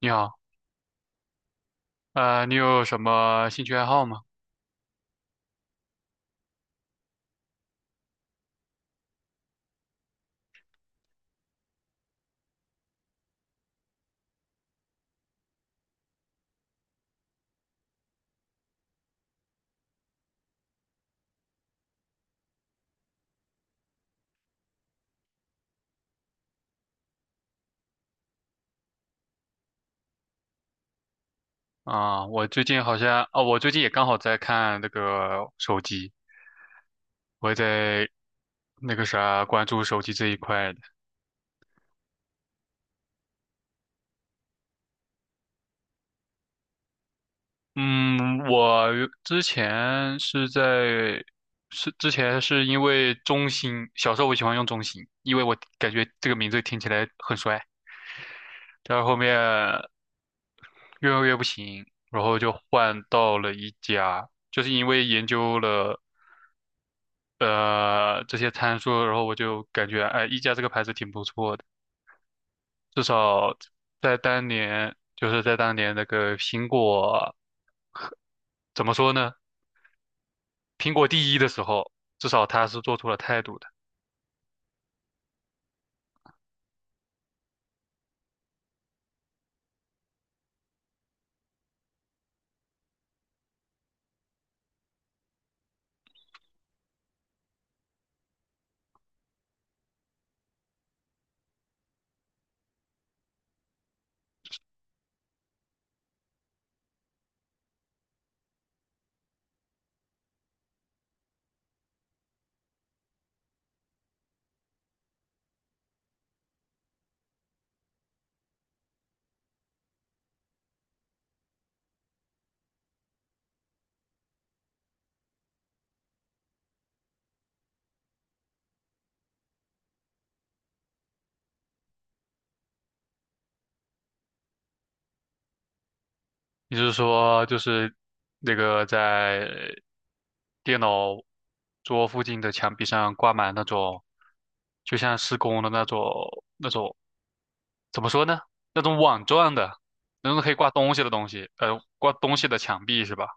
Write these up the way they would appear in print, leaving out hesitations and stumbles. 你好，你有什么兴趣爱好吗？我最近好像，哦，我最近也刚好在看那个手机，我也在那个啥关注手机这一块的。嗯，我之前是在，是之前是因为中兴，小时候我喜欢用中兴，因为我感觉这个名字听起来很帅，但是后面越用越不行，然后就换到了一家，就是因为研究了。这些参数，然后我就感觉哎，一加这个牌子挺不错的，至少在当年那个苹果怎么说呢？苹果第一的时候，至少他是做出了态度的。也就是说，就是那个在电脑桌附近的墙壁上挂满那种，就像施工的那种那种怎么说呢？那种网状的，那种可以挂东西的东西，挂东西的墙壁是吧？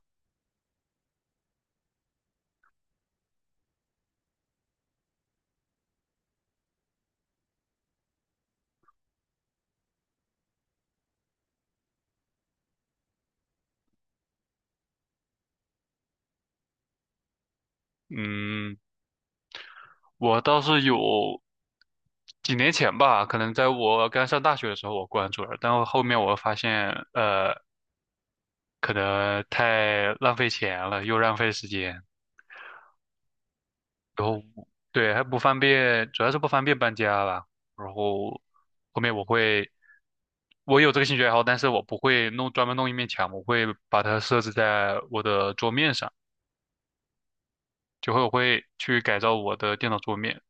嗯，我倒是有几年前吧，可能在我刚上大学的时候我关注了，但我后面我发现，可能太浪费钱了，又浪费时间，然后对还不方便，主要是不方便搬家吧。然后后面我会，我有这个兴趣爱好，但是我不会弄专门弄一面墙，我会把它设置在我的桌面上，我会去改造我的电脑桌面，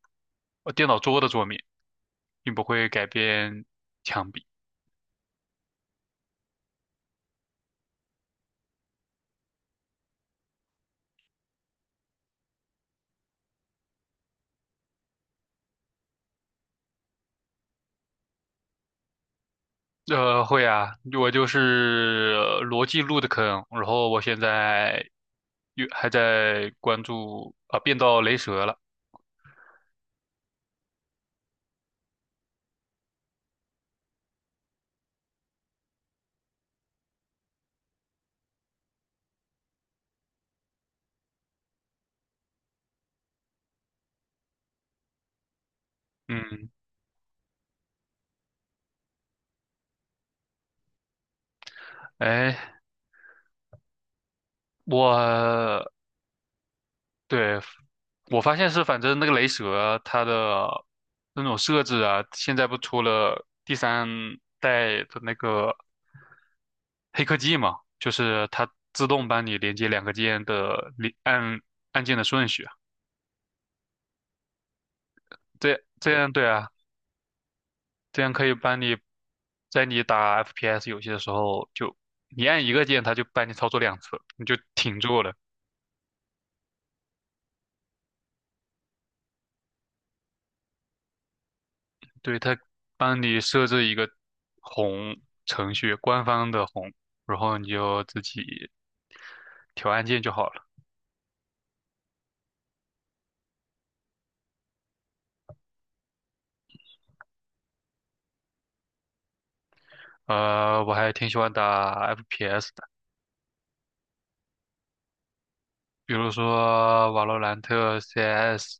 电脑桌的桌面，并不会改变墙壁。会啊，我就是逻辑路的坑，然后我现在又还在关注啊，变到雷蛇了。嗯，哎，我对我发现是，反正那个雷蛇它的那种设置啊，现在不出了第三代的那个黑科技嘛，就是它自动帮你连接两个键的连按按键的顺序啊，这这样对啊。这样可以帮你，在你打 FPS 游戏的时候，就你按一个键，它就帮你操作两次，你就挺住了。对，它帮你设置一个红程序，官方的红，然后你就自己调按键就好了。我还挺喜欢打 FPS 的，比如说瓦罗兰特、CS。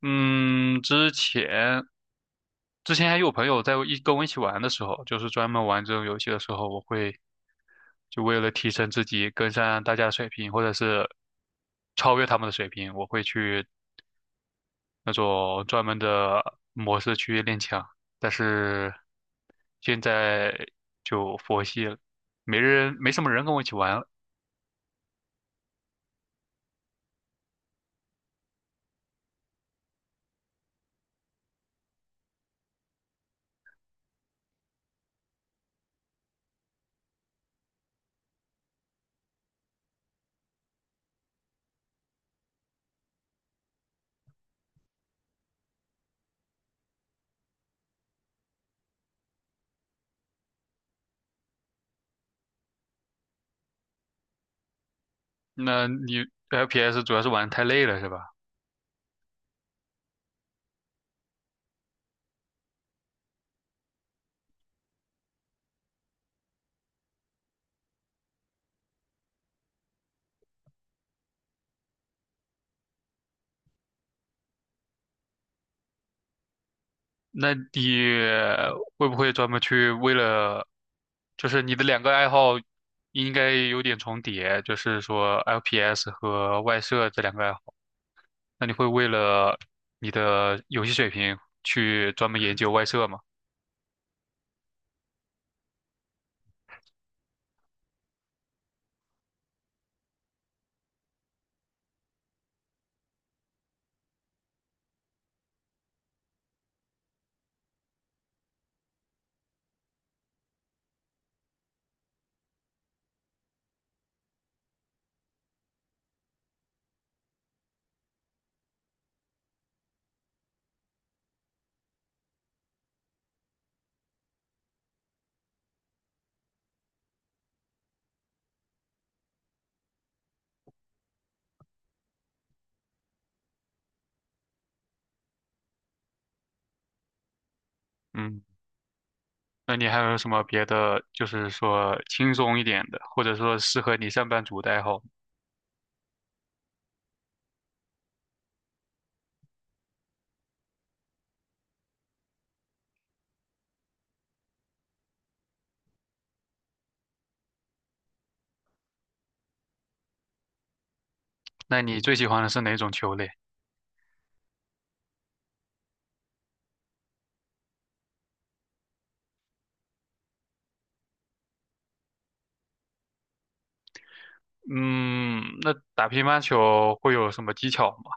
嗯，之前还有朋友跟我一起玩的时候，就是专门玩这种游戏的时候，我会就为了提升自己，跟上大家的水平，或者是超越他们的水平，我会去那种专门的模式去练枪。但是现在就佛系了，没人，没什么人跟我一起玩了。那你 FPS 主要是玩得太累了，是吧？那你会不会专门去为了，就是你的两个爱好应该有点重叠，就是说 FPS 和外设这两个爱好。那你会为了你的游戏水平去专门研究外设吗？嗯，那你还有什么别的，就是说轻松一点的，或者说适合你上班族的爱好？那你最喜欢的是哪种球类？嗯，那打乒乓球会有什么技巧吗？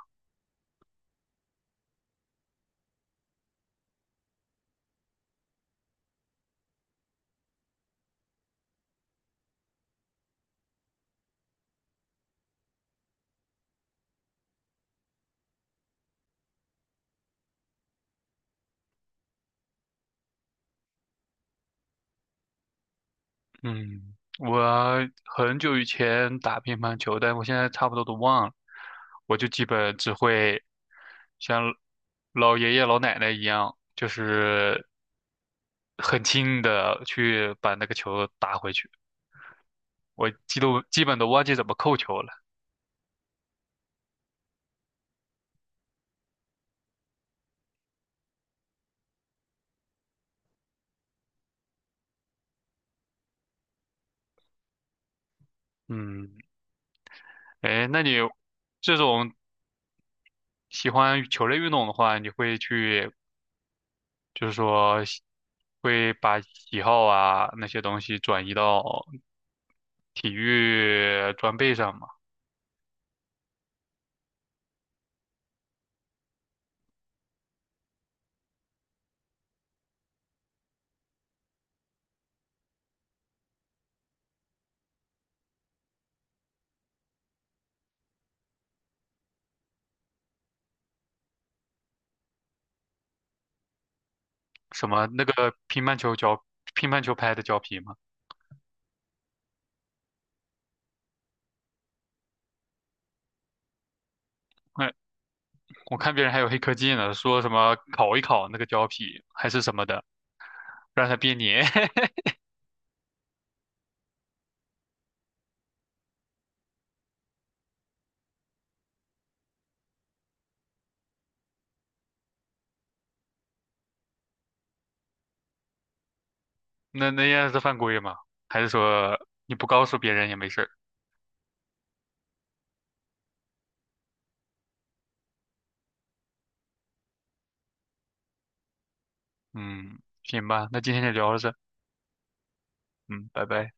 嗯，我很久以前打乒乓球，但我现在差不多都忘了。我就基本只会像老爷爷老奶奶一样，就是很轻的去把那个球打回去。我基本都忘记怎么扣球了。嗯，哎，那你这种喜欢球类运动的话，你会去就是说喜会把喜好啊那些东西转移到体育装备上嘛，什么那个乒乓球胶、乒乓球拍的胶皮嘛，哎，我看别人还有黑科技呢，说什么烤一烤那个胶皮还是什么的，让它变黏，那那样是犯规吗？还是说你不告诉别人也没事儿？嗯，行吧，那今天就聊到这，嗯，拜拜。